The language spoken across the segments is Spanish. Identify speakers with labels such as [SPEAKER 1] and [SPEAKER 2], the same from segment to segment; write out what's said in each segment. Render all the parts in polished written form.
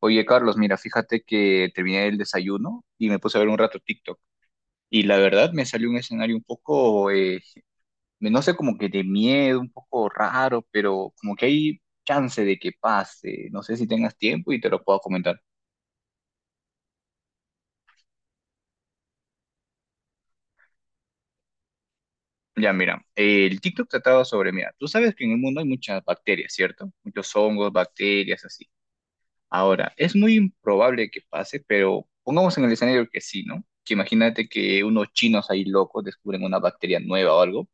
[SPEAKER 1] Oye, Carlos, mira, fíjate que terminé el desayuno y me puse a ver un rato TikTok. Y la verdad me salió un escenario un poco, no sé, como que de miedo, un poco raro, pero como que hay chance de que pase. No sé si tengas tiempo y te lo puedo comentar. Ya, mira, el TikTok trataba sobre, mira, tú sabes que en el mundo hay muchas bacterias, ¿cierto? Muchos hongos, bacterias, así. Ahora, es muy improbable que pase, pero pongamos en el escenario que sí, ¿no? Que imagínate que unos chinos ahí locos descubren una bacteria nueva o algo,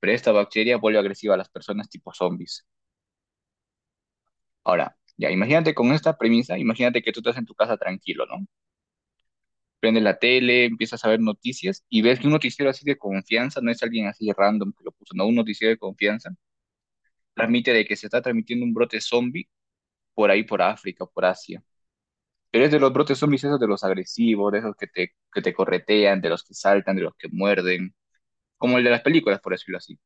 [SPEAKER 1] pero esta bacteria vuelve agresiva a las personas tipo zombies. Ahora, ya, imagínate con esta premisa, imagínate que tú estás en tu casa tranquilo, ¿no? Prendes la tele, empiezas a ver noticias y ves que un noticiero así de confianza, no es alguien así random que lo puso, no, un noticiero de confianza, transmite de que se está transmitiendo un brote zombie por ahí, por África, por Asia. Pero es de los brotes zombies esos de los agresivos, de esos que te corretean, de los que saltan, de los que muerden, como el de las películas, por decirlo así.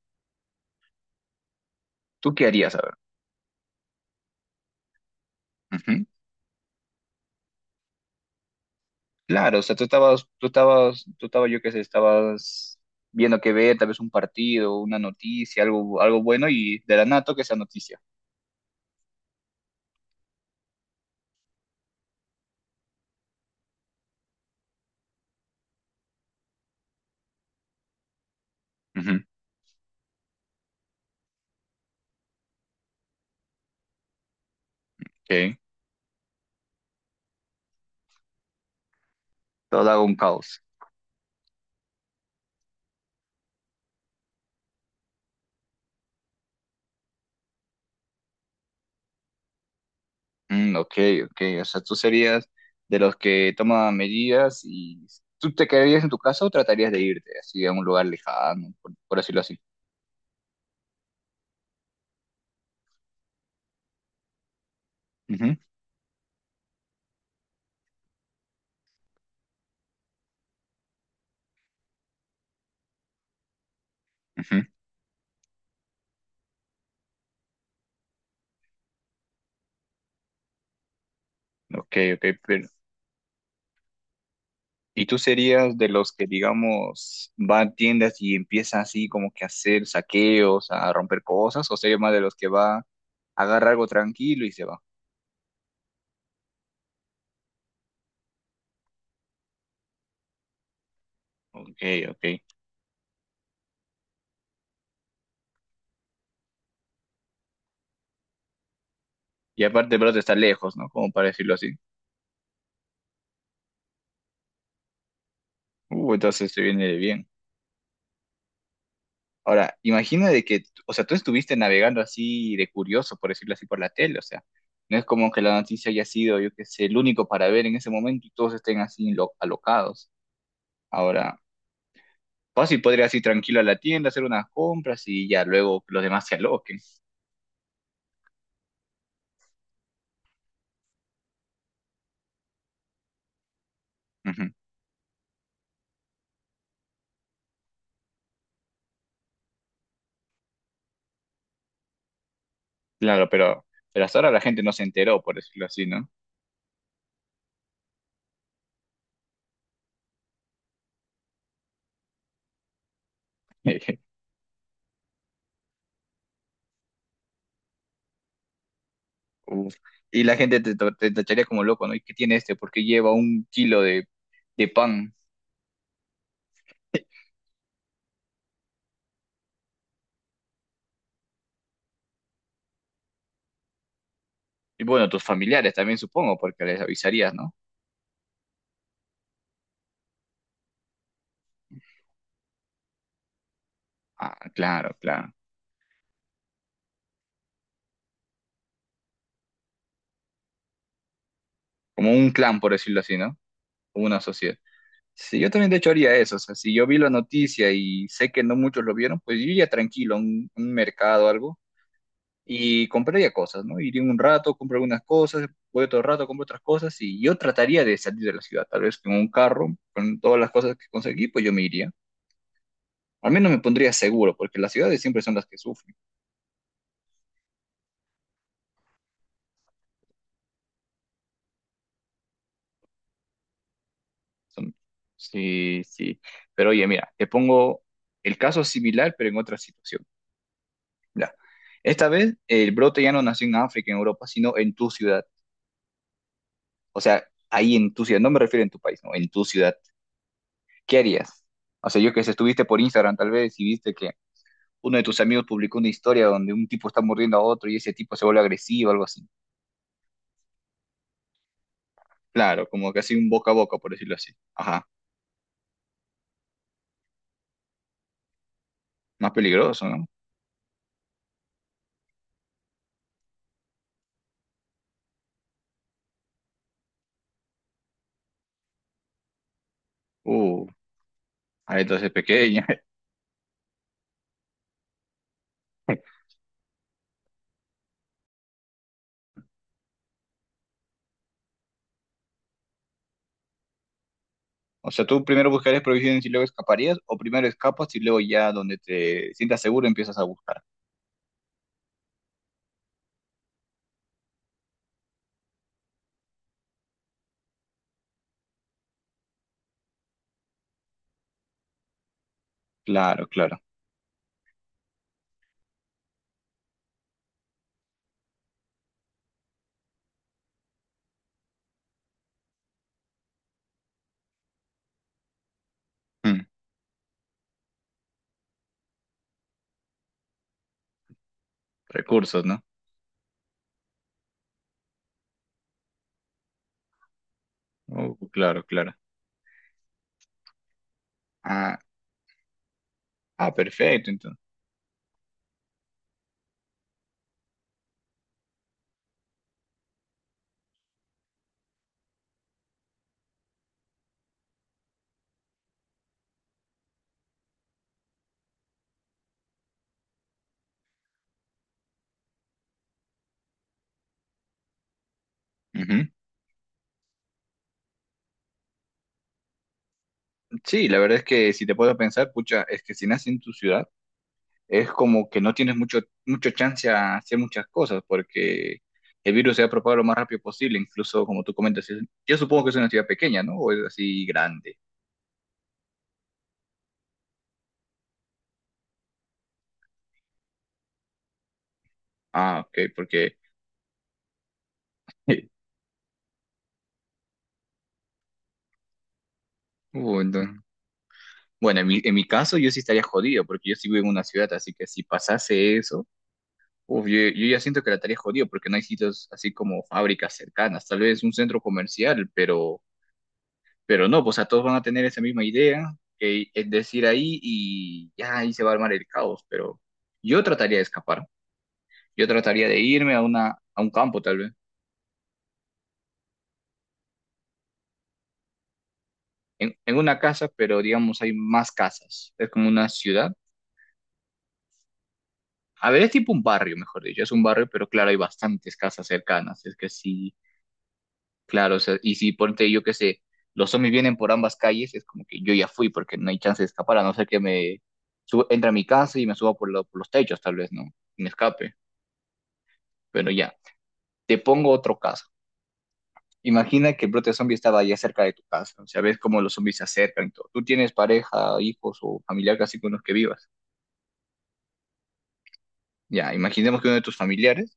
[SPEAKER 1] ¿Tú qué harías, a ver? Claro, o sea, tú estabas, yo qué sé, estabas viendo que ver, tal vez un partido, una noticia, algo, algo bueno, y de la nada que esa noticia. Ujú, ok. Todo un caos. Mm, ok, ok. O sea, tú serías de los que toman medidas y tú te quedarías en tu casa o tratarías de irte así a un lugar lejano, por decirlo así. Ujú, ujú. Ok, ok. ¿Y tú serías de los que, digamos, va a tiendas y empieza así como que a hacer saqueos, a romper cosas? ¿O serías más de los que va a agarrar algo tranquilo y se va? Ok, ok. Y aparte, el brazo está lejos, ¿no? Como para decirlo así. Entonces se viene de bien. Ahora, imagina de que, o sea, tú estuviste navegando así de curioso, por decirlo así, por la tele, o sea, no es como que la noticia haya sido, yo qué sé, el único para ver en ese momento y todos estén así alocados. Ahora. Pues y podrías ir tranquilo a la tienda, hacer unas compras y ya luego los demás se aloquen. Ujú. Claro, pero hasta ahora la gente no se enteró, por decirlo así, ¿no? Uf. Y la gente te tacharía como loco, ¿no? ¿Y qué tiene este? ¿Por qué lleva un kilo de pan? Y bueno, tus familiares también supongo, porque les avisarías, ¿no? Ah, claro, claro. Como un clan, por decirlo así, ¿no? Como una sociedad. Sí, yo también de hecho haría eso. O sea, si yo vi la noticia y sé que no muchos lo vieron, pues yo iría tranquilo a un mercado o algo y compraría cosas, ¿no? Iría un rato, compro algunas cosas, voy otro rato, compro otras cosas y yo trataría de salir de la ciudad, tal vez con un carro, con todas las cosas que conseguí, pues yo me iría. Al menos me pondría seguro, porque las ciudades siempre son las que sufren. Son- Sí, sí. Pero oye, mira, te pongo el caso similar, pero en otra situación. Mira, esta vez el brote ya no nació en África, en Europa, sino en tu ciudad. O sea, ahí en tu ciudad, no me refiero en tu país, no, en tu ciudad. ¿Qué harías? O sea, yo que sé, estuviste por Instagram tal vez y viste que uno de tus amigos publicó una historia donde un tipo está mordiendo a otro y ese tipo se vuelve agresivo, algo así. Claro, como casi un boca a boca, por decirlo así. Ajá, más peligroso, ¿no? Uh, ah, entonces pequeña. O sea, tú primero buscarías provisiones y luego escaparías, o primero escapas y luego ya donde te sientas seguro empiezas a buscar. Claro, claro. Mm, recursos, ¿no? Claro, claro. Ah, ah, perfecto, entonces. Ujú. Sí, la verdad es que si te puedo pensar, pucha, es que si naces en tu ciudad, es como que no tienes mucho, mucho chance a hacer muchas cosas porque el virus se ha propagado lo más rápido posible, incluso como tú comentas, yo supongo que es una ciudad pequeña, ¿no? O es así grande. Ah, ok, porque... entonces- Bueno, en en mi caso yo sí estaría jodido porque yo sí vivo en una ciudad, así que si pasase eso, uf, yo ya siento que la estaría jodido porque no hay sitios así como fábricas cercanas, tal vez un centro comercial, pero... Pero no, pues a todos van a tener esa misma idea, que es decir, ahí y ya ahí se va a armar el caos, pero yo trataría de escapar, yo trataría de irme a una, a un campo tal vez, en una casa, pero digamos hay más casas, es como una ciudad. A ver, es tipo un barrio, mejor dicho, es un barrio, pero claro, hay bastantes casas cercanas, es que sí, claro, o sea, y si ponte yo que sé, los zombies vienen por ambas calles, es como que yo ya fui porque no hay chance de escapar, a no ser que me suba, entre a mi casa y me suba por los techos tal vez, ¿no? Y me escape. Pero ya, te pongo otro caso. Imagina que el brote zombie estaba allá cerca de tu casa. O sea, ves cómo los zombies se acercan y todo. Tú tienes pareja, hijos o familiar casi con los que vivas. Ya, imaginemos que uno de tus familiares,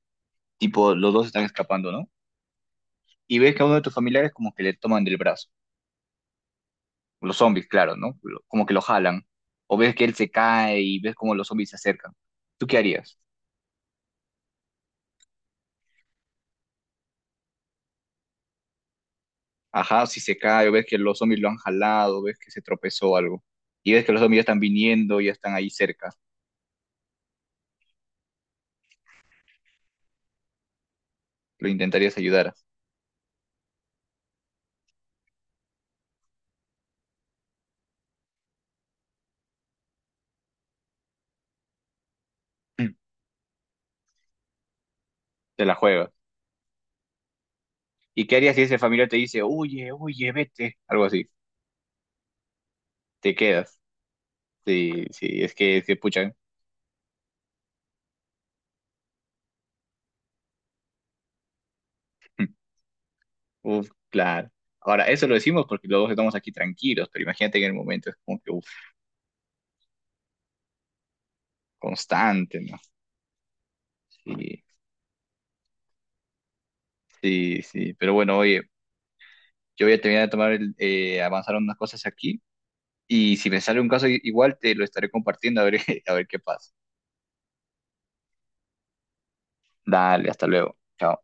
[SPEAKER 1] tipo, los dos están escapando, ¿no? Y ves que a uno de tus familiares como que le toman del brazo. Los zombies, claro, ¿no? Como que lo jalan. O ves que él se cae y ves cómo los zombies se acercan. ¿Tú qué harías? Ajá, si se cae, o ves que los zombies lo han jalado, ves que se tropezó o algo. Y ves que los zombies ya están viniendo, ya están ahí cerca. Lo intentarías ayudar. Te la juegas. ¿Y qué harías si ese familiar te dice, oye, oye, vete? Algo así, te quedas. Sí, sí, es que se puchan. Uf, claro. Ahora, eso lo decimos porque los dos estamos aquí tranquilos, pero imagínate que en el momento es como que, uf, constante, ¿no? Sí, sí, sí. Pero bueno, oye, yo voy a terminar de tomar, avanzar unas cosas aquí y si me sale un caso igual te lo estaré compartiendo a ver, a ver qué pasa. Dale, hasta luego. Chao.